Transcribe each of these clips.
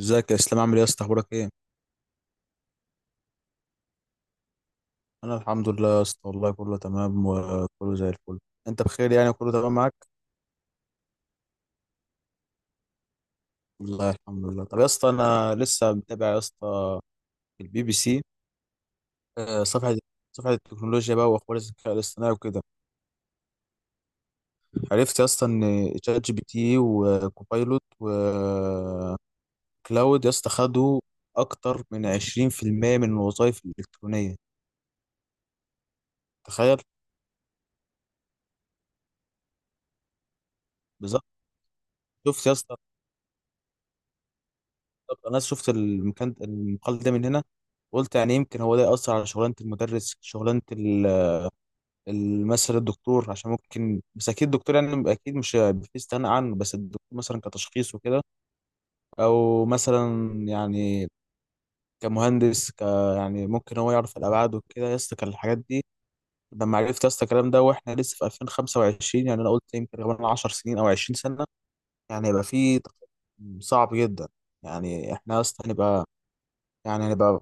ازيك يا اسلام، عامل ايه يا اسطى؟ اخبارك ايه؟ انا الحمد لله يا اسطى، والله كله تمام وكله زي الفل. انت بخير يعني؟ كله تمام معاك؟ والله الحمد لله. طب يا اسطى، انا لسه متابع يا اسطى البي بي سي. آه، صفحه صفحه التكنولوجيا بقى واخبار الذكاء الاصطناعي وكده. عرفت يا اسطى ان شات جي بي تي وكوبايلوت وكلاود يا اسطى خدوا اكتر من 20% من الوظائف الالكترونيه. تخيل! بالظبط. شفت يا اسطى؟ بالظبط. انا شفت المكان المقال ده من هنا. قلت يعني يمكن هو ده يأثر على شغلانة المدرس، شغلانة مثلا الدكتور، عشان ممكن، بس أكيد الدكتور يعني أكيد مش في استغنى عنه، بس الدكتور مثلا كتشخيص وكده. أو مثلا يعني كمهندس، يعني ممكن هو يعرف الأبعاد وكده يا اسطى كان الحاجات دي. لما عرفت يا اسطى الكلام ده وإحنا لسه في 2025، يعني أنا قلت يمكن كمان 10 سنين أو 20 سنة يعني هيبقى في تقدم صعب جدا. يعني إحنا يا اسطى هنبقى، يعني هنبقى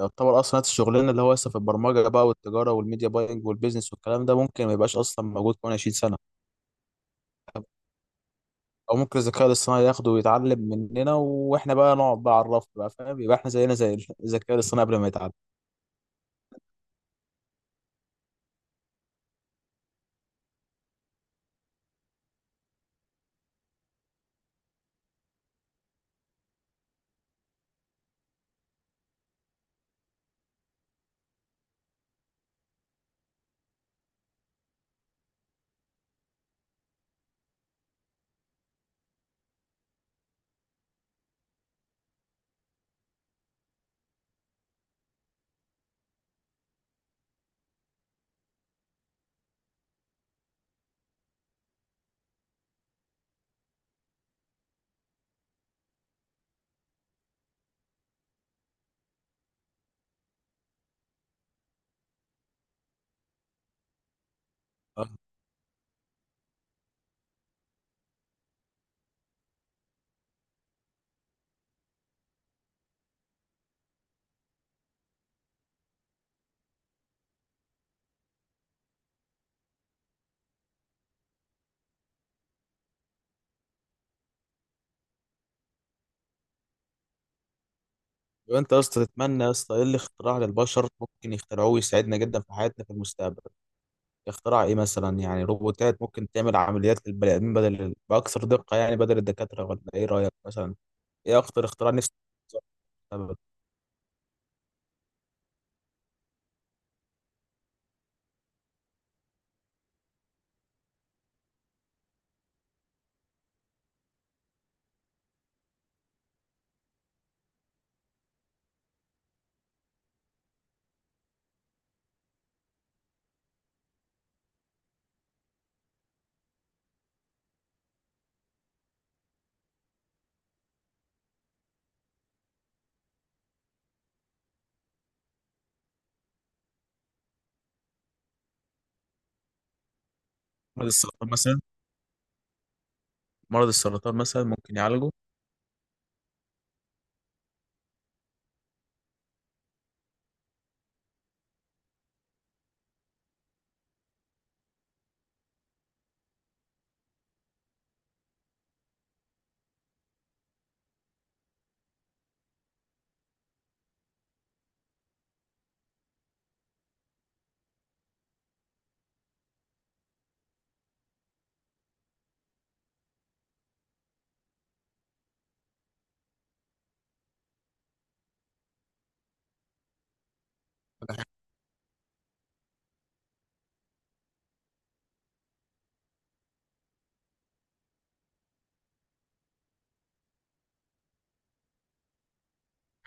يعتبر اصلا نفس الشغلانه، اللي هو لسه في البرمجه بقى والتجاره والميديا باينج والبيزنس والكلام ده ممكن ما يبقاش اصلا موجود كمان 20 سنه. او ممكن الذكاء الاصطناعي ياخده ويتعلم مننا واحنا بقى نقعد بقى على الرف بقى، فاهم؟ يبقى احنا زينا زي الذكاء الاصطناعي قبل ما يتعلم. آه. يبقى انت يا اسطى تتمنى يا اسطى ايه الاختراع للبشر ممكن يخترعوه ويساعدنا جدا في حياتنا في المستقبل؟ اختراع ايه مثلا؟ يعني روبوتات ممكن تعمل عمليات للبني ادمين بدل، باكثر دقه، يعني بدل الدكاتره، ولا ايه رايك مثلا؟ ايه اكتر اختراع نفسك في المستقبل؟ مرض السرطان مثلا ممكن يعالجه.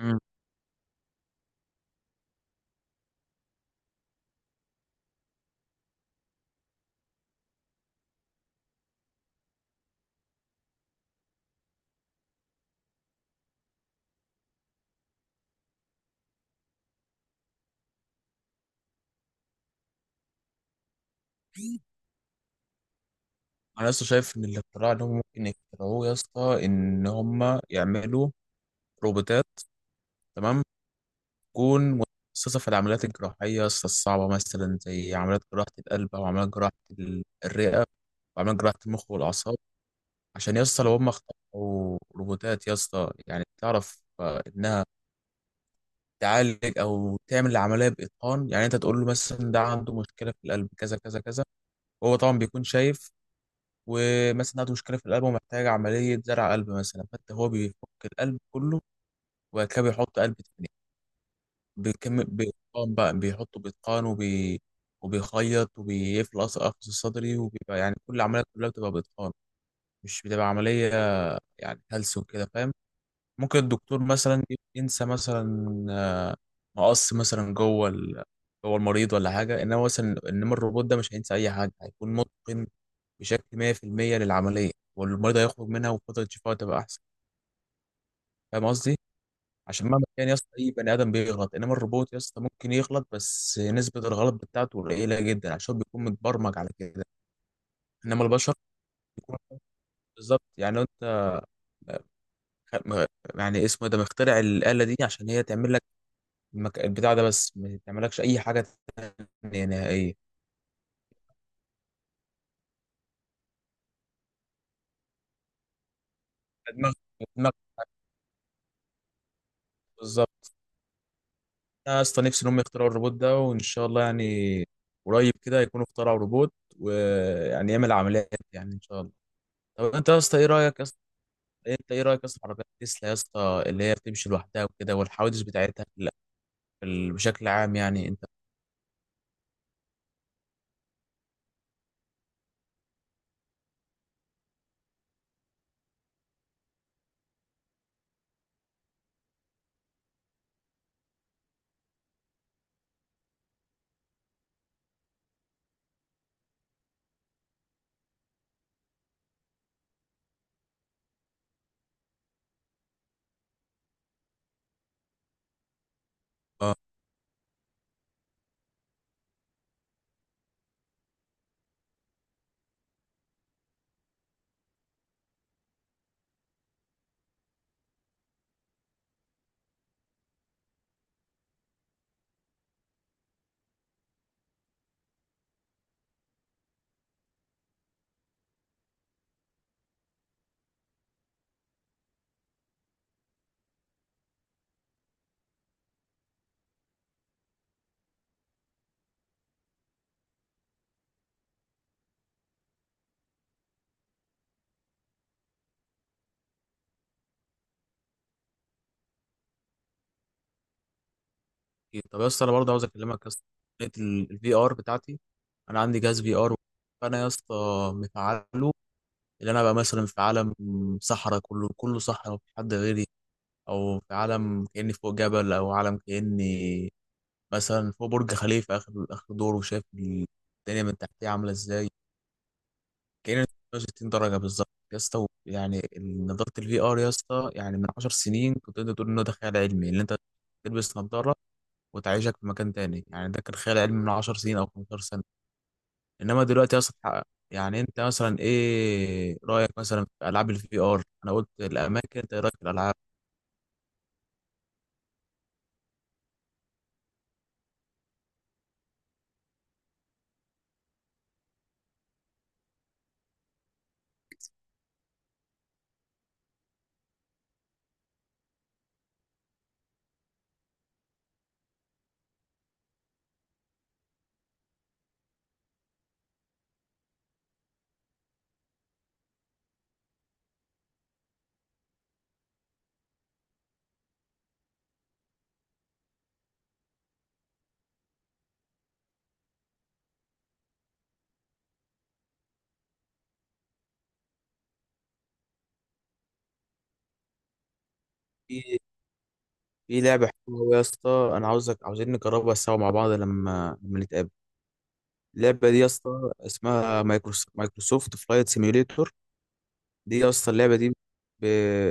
مم. انا لسه شايف ان الاختراع اللي هم ممكن يخترعوه يا اسطى ان هم يعملوا روبوتات. تمام؟ تكون متخصصه في العمليات الجراحيه يا اسطى الصعبه، مثلا زي عمليات جراحه القلب او عمليات جراحه الرئه وعمليات جراحه المخ والاعصاب. عشان يا اسطى لو هم اخترعوا روبوتات يا اسطى، يعني تعرف انها تعالج او تعمل العمليه باتقان. يعني انت تقول له مثلا ده عنده مشكله في القلب كذا كذا كذا، وهو طبعا بيكون شايف. ومثلا عنده مشكله في القلب ومحتاج عمليه زرع قلب مثلا، فانت هو بيفك القلب كله، وبعد كده بيحط قلب تاني. بيكم بيتقان بقى، بيحطه بيتقان وبيخيط وبيقفل القفص الصدري، وبيبقى يعني كل العمليه كلها بتبقى بإتقان، مش بتبقى عمليه يعني هلس وكده، فاهم؟ ممكن الدكتور مثلا ينسى مثلا آه، مقص مثلا جوه المريض ولا حاجه، انما الروبوت ده مش هينسى اي حاجه. هيكون متقن بشكل 100% للعمليه، والمريض هيخرج منها وفتره شفائه تبقى احسن. فاهم قصدي؟ عشان مهما كان يا اسطى اي بني ادم بيغلط، انما الروبوت يا اسطى ممكن يغلط بس نسبه الغلط بتاعته قليله جدا، عشان بيكون متبرمج على كده. انما البشر بيكون، بالظبط. يعني لو انت م- يعني اسمه إيه ده مخترع الآلة دي، عشان هي تعمل لك البتاع ده بس ما تعملكش أي حاجة تانية نهائية. دماغك، دماغك بالظبط. انا اصلا نفسي ان هم يخترعوا الروبوت ده، وان شاء الله يعني قريب كده يكونوا اخترعوا روبوت، ويعني يعمل عمليات، يعني ان شاء الله. طب انت يا اسطى ايه رايك يا اسطى؟ انت ايه رايك يا اسطى في عربيات تسلا يا اسطى اللي هي بتمشي لوحدها وكده، والحوادث بتاعتها بشكل عام يعني؟ انت؟ اه، أكيد. طب يا اسطى انا برضه عاوز اكلمك يا اسطى الفي ار بتاعتي. انا عندي جهاز في ار، فانا يا اسطى مفعله. اللي انا بقى مثلا في عالم صحراء، كله كله صحراء مفيش حد غيري. او في عالم كاني فوق جبل، او عالم كاني مثلا فوق برج خليفة آخر آخر دور وشايف الدنيا من تحتيه عاملة إزاي، كأنك 360 درجة بالظبط يا اسطى. يعني نضارة الفي آر يا اسطى، يعني من 10 سنين كنت تقدر تقول إنه ده خيال علمي، اللي أنت تلبس نضارة وتعيشك في مكان تاني. يعني ده كان خيال علمي من 10 سنين أو 15 سنة، إنما دلوقتي يا اسطى اتحقق. يعني أنت مثلا إيه رأيك مثلا في ألعاب الفي آر؟ أنا قلت الأماكن، أنت إيه رأيك في الألعاب؟ في في لعبة حلوة أوي يا اسطى، أنا عاوزين نجربها سوا مع بعض لما نتقابل. اللعبه دي يا اسطى اسمها مايكروسوفت فلايت سيميوليتور. دي يا اسطى اللعبه دي، ب...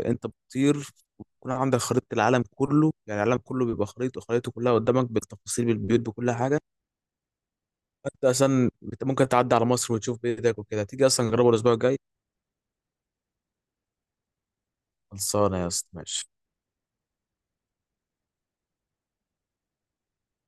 انت بتطير، ويكون عندك خريطه العالم كله. يعني العالم كله بيبقى خريطه، كلها قدامك بالتفاصيل بالبيوت بكل حاجه. انت ممكن تعدي على مصر وتشوف بايدك وكده. تيجي اصلا نجربه الاسبوع الجاي؟ خلصانه يا اسطى، ماشي.